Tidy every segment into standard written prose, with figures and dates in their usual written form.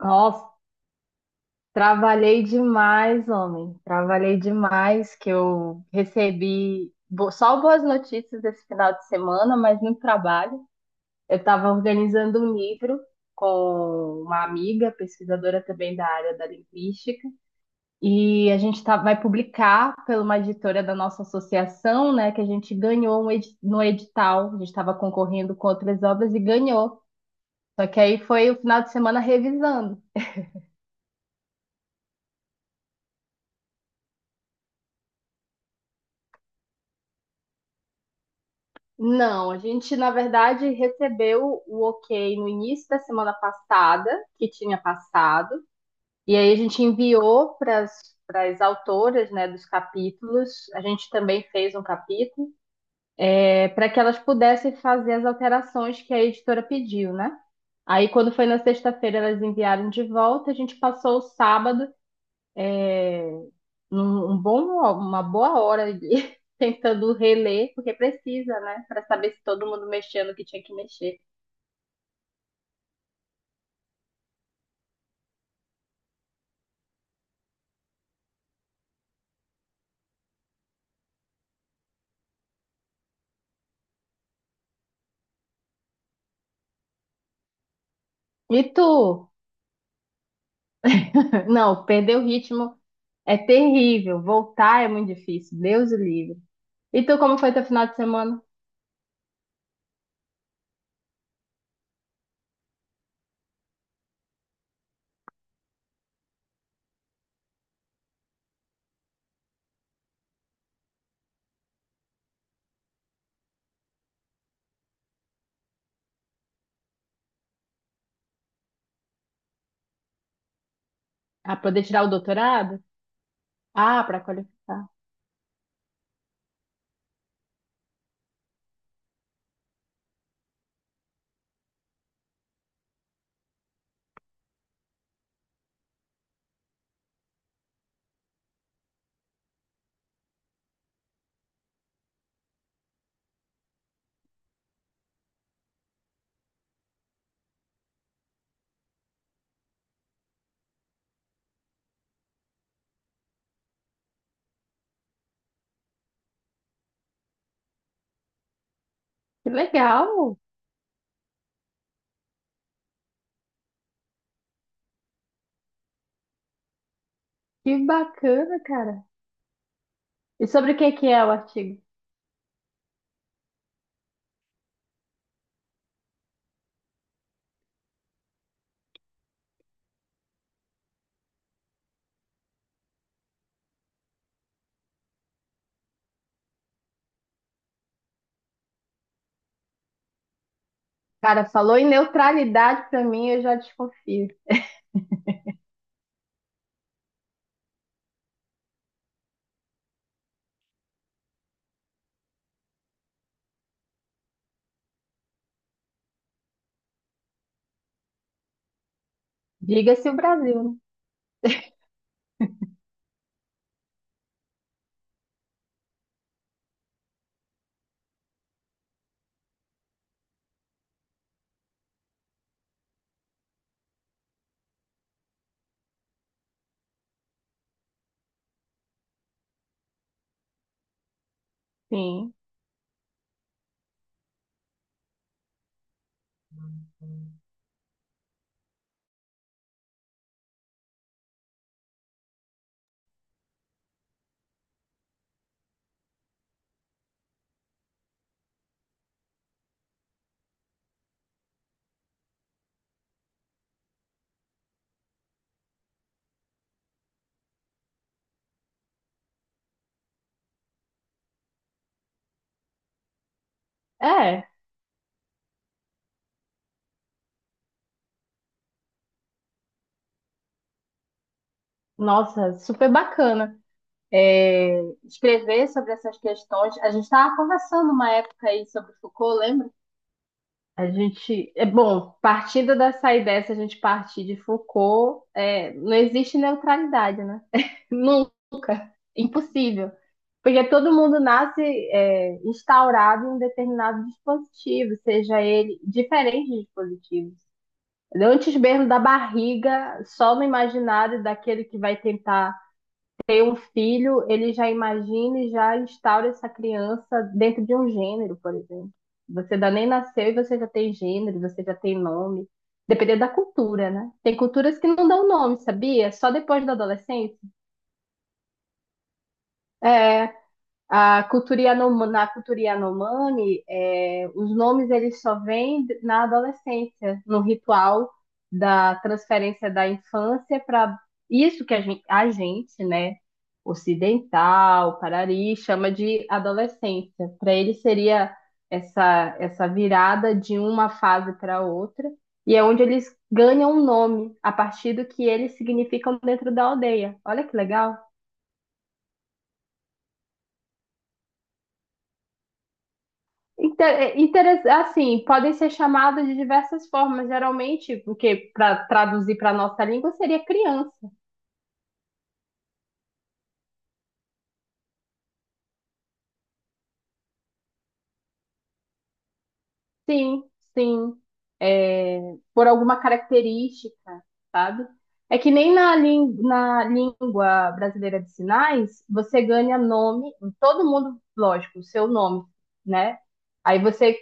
Nossa, trabalhei demais, homem. Trabalhei demais, que eu recebi só boas notícias esse final de semana, mas muito trabalho. Eu estava organizando um livro com uma amiga, pesquisadora também da área da linguística, e vai publicar pela uma editora da nossa associação, né, que a gente ganhou um no edital. A gente estava concorrendo com outras obras e ganhou. Só que aí foi o final de semana revisando. Não, a gente, na verdade, recebeu o ok no início da semana passada, que tinha passado, e aí a gente enviou para as autoras, né, dos capítulos, a gente também fez um capítulo, para que elas pudessem fazer as alterações que a editora pediu, né? Aí, quando foi na sexta-feira, elas enviaram de volta, a gente passou o sábado é, um, um bom, uma boa hora ali, tentando reler, porque precisa, né? Para saber se todo mundo mexendo o que tinha que mexer. E tu? Não, perder o ritmo é terrível. Voltar é muito difícil. Deus o livre. E tu, como foi teu final de semana? Ah, poder tirar o doutorado? Ah, para qualificar. Que legal! Que bacana, cara. E sobre o que que é o artigo? Cara, falou em neutralidade pra mim, eu já desconfio. Diga-se o Brasil, né? Sim. É, nossa, super bacana. É, escrever sobre essas questões. A gente estava conversando uma época aí sobre Foucault, lembra? A gente, é bom, partindo dessa ideia, se a gente partir de Foucault, não existe neutralidade, né? Nunca. Impossível. Porque todo mundo nasce instaurado em um determinado dispositivo, seja ele diferente de dispositivos. Antes mesmo da barriga, só no imaginário daquele que vai tentar ter um filho, ele já imagina e já instaura essa criança dentro de um gênero, por exemplo. Você ainda nem nasceu e você já tem gênero, você já tem nome. Dependendo da cultura, né? Tem culturas que não dão nome, sabia? Só depois da adolescência. É, a cultura Yanomami, na cultura Yanomami, os nomes eles só vêm na adolescência, no ritual da transferência da infância para isso que a gente, né, ocidental, Parari, chama de adolescência. Para ele seria essa, essa virada de uma fase para outra, e é onde eles ganham um nome a partir do que eles significam dentro da aldeia. Olha que legal. Assim, podem ser chamadas de diversas formas, geralmente, porque para traduzir para a nossa língua seria criança. Sim, sim. É, por alguma característica, sabe? É que nem na, na língua brasileira de sinais, você ganha nome, todo mundo, lógico, o seu nome, né? Aí você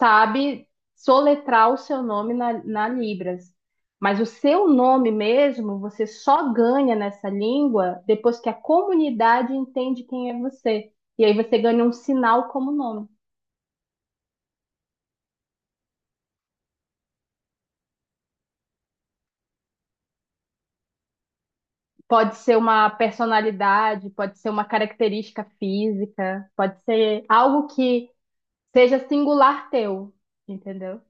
sabe soletrar o seu nome na, na Libras. Mas o seu nome mesmo, você só ganha nessa língua depois que a comunidade entende quem é você. E aí você ganha um sinal como nome. Pode ser uma personalidade, pode ser uma característica física, pode ser algo que seja singular teu, entendeu?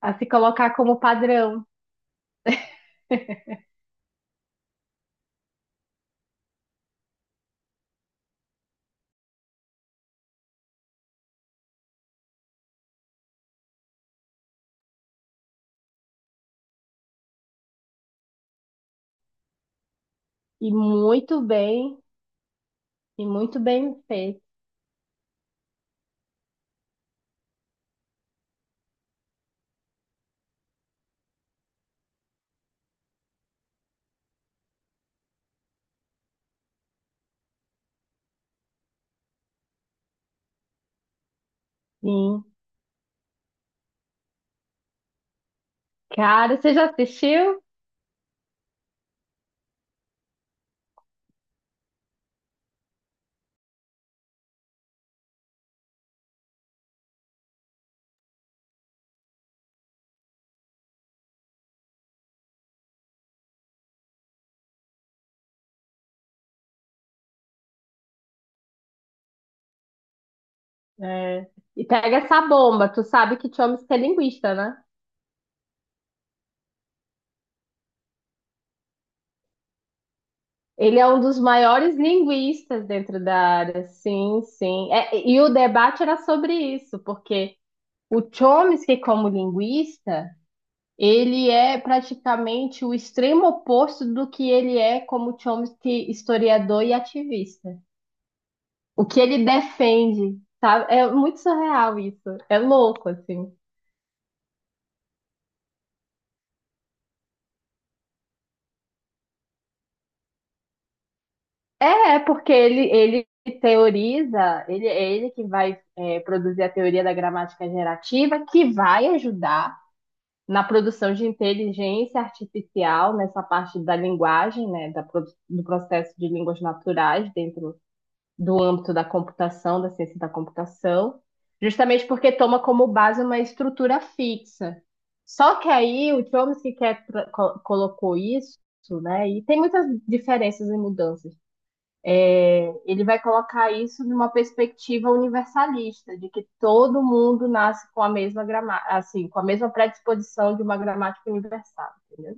A se colocar como padrão. E muito bem, e muito bem feito. Sim. Cara, você já assistiu? É. E pega essa bomba. Tu sabe que Chomsky é linguista, né? Ele é um dos maiores linguistas dentro da área. Sim, sim. É, e o debate era sobre isso, porque o Chomsky, como linguista, ele é praticamente o extremo oposto do que ele é como Chomsky, historiador e ativista. O que ele defende, sabe? É muito surreal isso. É louco, assim. É, é porque ele teoriza, ele é ele que vai produzir a teoria da gramática gerativa, que vai ajudar na produção de inteligência artificial, nessa parte da linguagem, né, da, do processo de línguas naturais dentro do âmbito da computação, da ciência da computação, justamente porque toma como base uma estrutura fixa. Só que aí o Chomsky quer, colocou isso, né? E tem muitas diferenças e mudanças. É, ele vai colocar isso numa perspectiva universalista, de que todo mundo nasce com a mesma grama, assim, com a mesma predisposição de uma gramática universal, entendeu?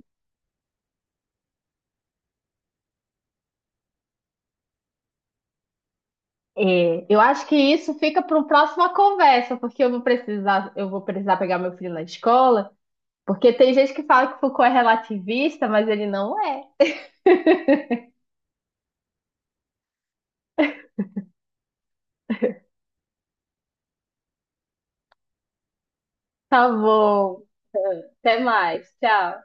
É, eu acho que isso fica para uma próxima conversa, porque eu vou precisar pegar meu filho na escola. Porque tem gente que fala que Foucault é relativista, mas ele não é. Tá bom. Até mais. Tchau.